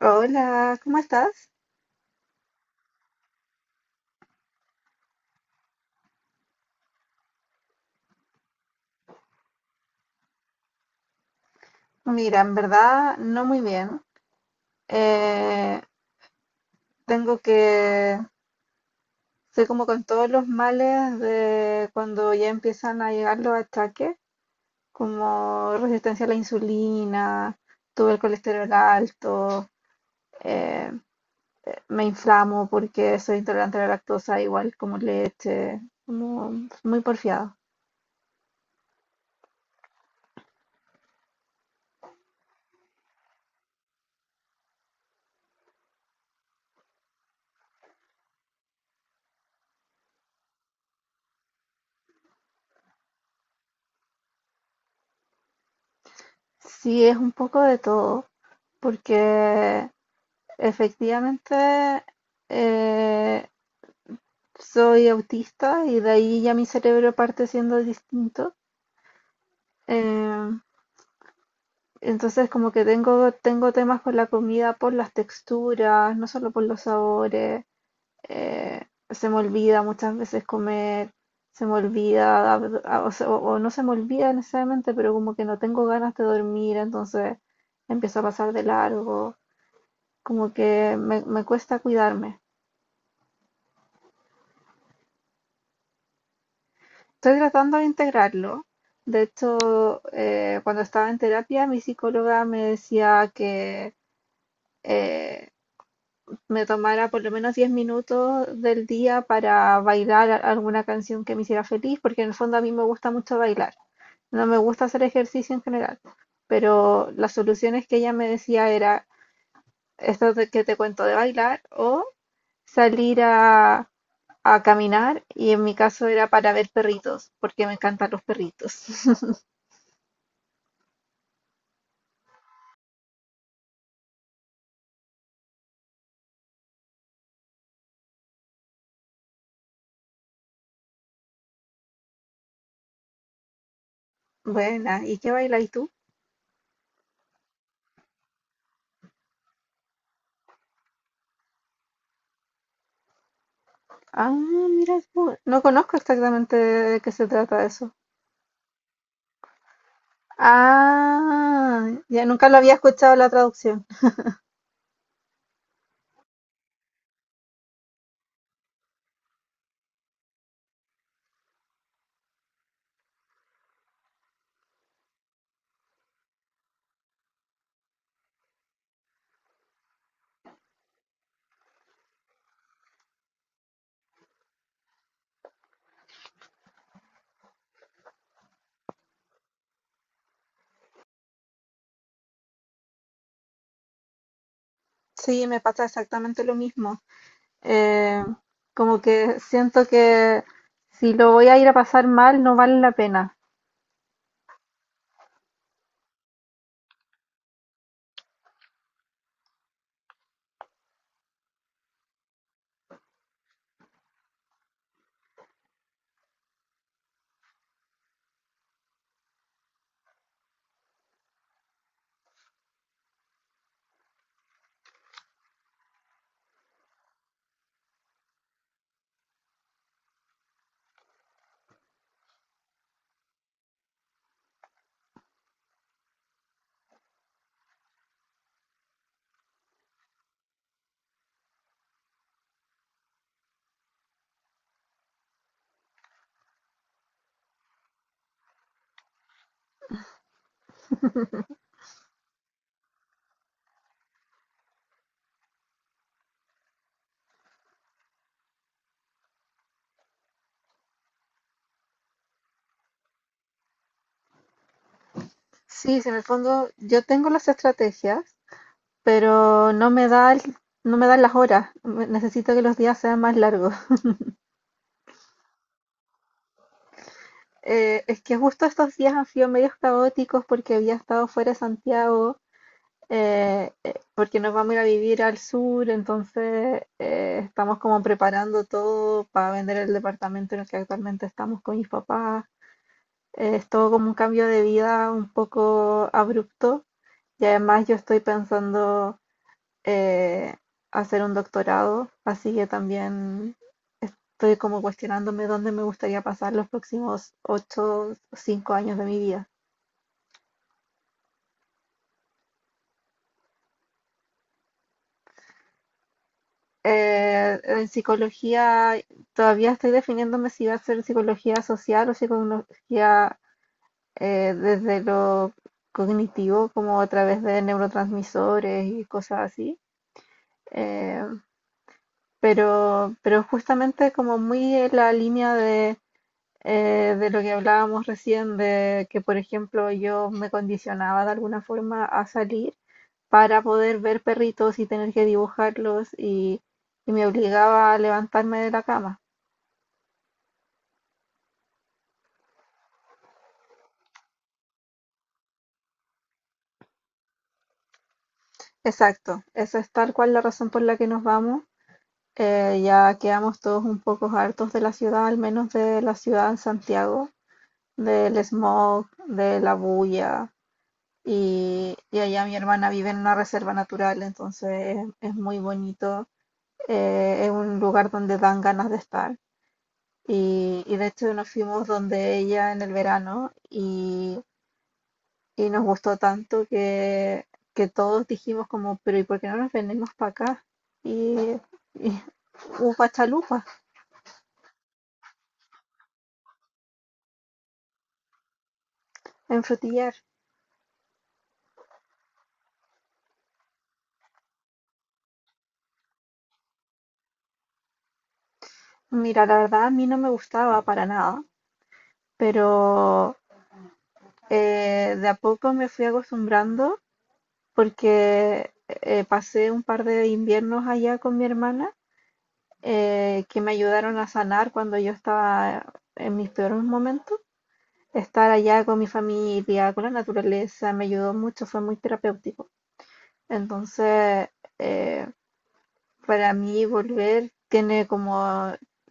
Hola, ¿cómo estás? Mira, en verdad no muy bien. Eh, tengo que, soy como con todos los males de cuando ya empiezan a llegar los ataques, como resistencia a la insulina, tuve el colesterol alto, eh, me inflamo porque soy intolerante a la lactosa, igual como leche, como muy porfiado. Sí, es un poco de todo, porque efectivamente eh, soy autista y de ahí ya mi cerebro parte siendo distinto. Eh, entonces como que tengo temas por la comida, por las texturas, no solo por los sabores, eh, se me olvida muchas veces comer, se me olvida, o, o no se me olvida necesariamente, pero como que no tengo ganas de dormir, entonces empiezo a pasar de largo, como que me cuesta cuidarme. Estoy tratando de integrarlo. De hecho, cuando estaba en terapia, mi psicóloga me decía que eh, me tomara por lo menos 10 minutos del día para bailar alguna canción que me hiciera feliz, porque en el fondo a mí me gusta mucho bailar. No me gusta hacer ejercicio en general, pero las soluciones que ella me decía era esto de que te cuento de bailar o salir a caminar y en mi caso era para ver perritos, porque me encantan los perritos. Buena, ¿y qué bailas tú? Ah, mira, tú. No conozco exactamente de qué se trata eso. Ah, ya nunca lo había escuchado la traducción. Sí, me pasa exactamente lo mismo. Eh, como que siento que si lo voy a ir a pasar mal, no vale la pena. Sí, si en el fondo yo tengo las estrategias, pero no me dan las horas. Necesito que los días sean más largos. Es que justo estos días han sido medios caóticos porque había estado fuera de Santiago, porque nos vamos a ir a vivir al sur, entonces estamos como preparando todo para vender el departamento en el que actualmente estamos con mis papás. Es todo como un cambio de vida un poco abrupto, y además yo estoy pensando eh, hacer un doctorado, así que también estoy como cuestionándome dónde me gustaría pasar los próximos 8 o 5 años de mi vida. En psicología todavía estoy definiéndome si va a ser psicología social o psicología, desde lo cognitivo, como a través de neurotransmisores y cosas así. Eh, pero justamente como muy en la línea de lo que hablábamos recién, de que por ejemplo yo me condicionaba de alguna forma a salir para poder ver perritos y tener que dibujarlos y me obligaba a levantarme de la cama. Exacto, esa es tal cual la razón por la que nos vamos. Ya quedamos todos un poco hartos de la ciudad, al menos de la ciudad en Santiago, del smog, de la bulla, y allá mi hermana vive en una reserva natural, entonces es muy bonito. Es un lugar donde dan ganas de estar. Y de hecho nos fuimos donde ella en el verano y nos gustó tanto que todos dijimos como, pero ¿y por qué no nos venimos para acá? Y, y upa chalupa en Frutillar. Mira, la verdad a mí no me gustaba para nada, pero de a poco me fui acostumbrando porque pasé un par de inviernos allá con mi hermana, que me ayudaron a sanar cuando yo estaba en mis peores momentos. Estar allá con mi familia, con la naturaleza, me ayudó mucho, fue muy terapéutico. Entonces, eh, para mí volver tiene como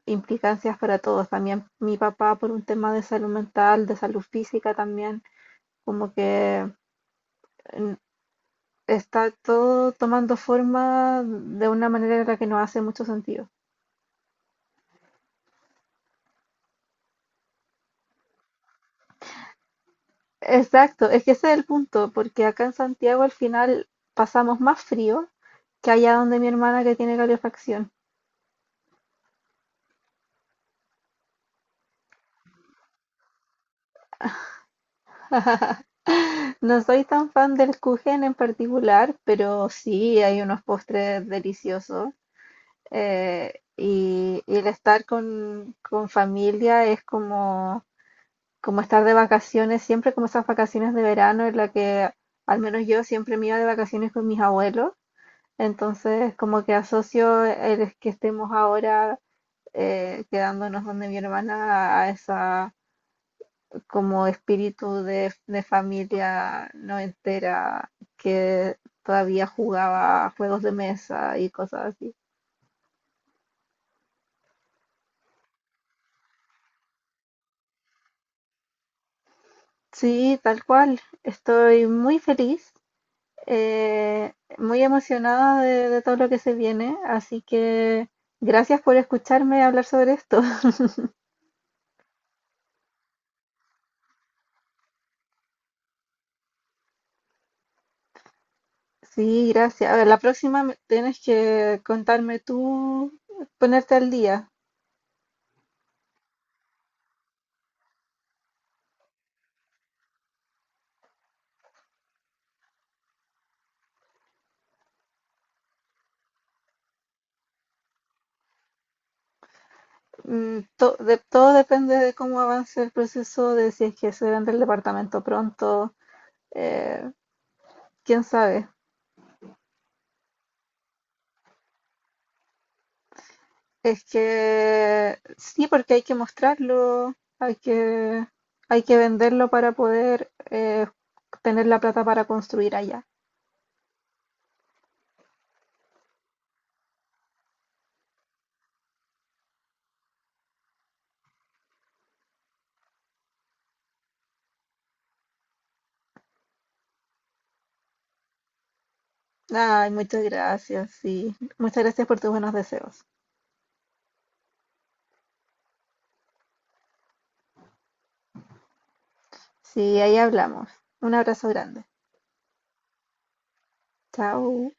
implicancias para todos. También mi papá por un tema de salud mental, de salud física también, como que mm, está todo tomando forma de una manera en la que no hace mucho sentido. Exacto, es que ese es el punto, porque acá en Santiago al final pasamos más frío que allá donde mi hermana que tiene calefacción. No soy tan fan del kuchen en particular, pero sí hay unos postres deliciosos. Y el estar con familia es como como estar de vacaciones, siempre como esas vacaciones de verano en la que al menos yo siempre me iba de vacaciones con mis abuelos, entonces como que asocio el que estemos ahora quedándonos donde mi hermana a esa como espíritu de familia no entera que todavía jugaba a juegos de mesa y cosas así. Sí, tal cual. Estoy muy feliz, eh, muy emocionada de todo lo que se viene, así que gracias por escucharme hablar sobre esto. Sí, gracias. A ver, la próxima tienes que contarme tú, ponerte al día. Mm, todo depende de cómo avance el proceso, de si es que se vende el departamento pronto, eh, quién sabe. Es que sí, porque hay que mostrarlo, hay que, hay que venderlo para poder tener la plata para construir allá. Ay, muchas gracias, sí. Muchas gracias por tus buenos deseos. Sí, ahí hablamos. Un abrazo grande. Chao.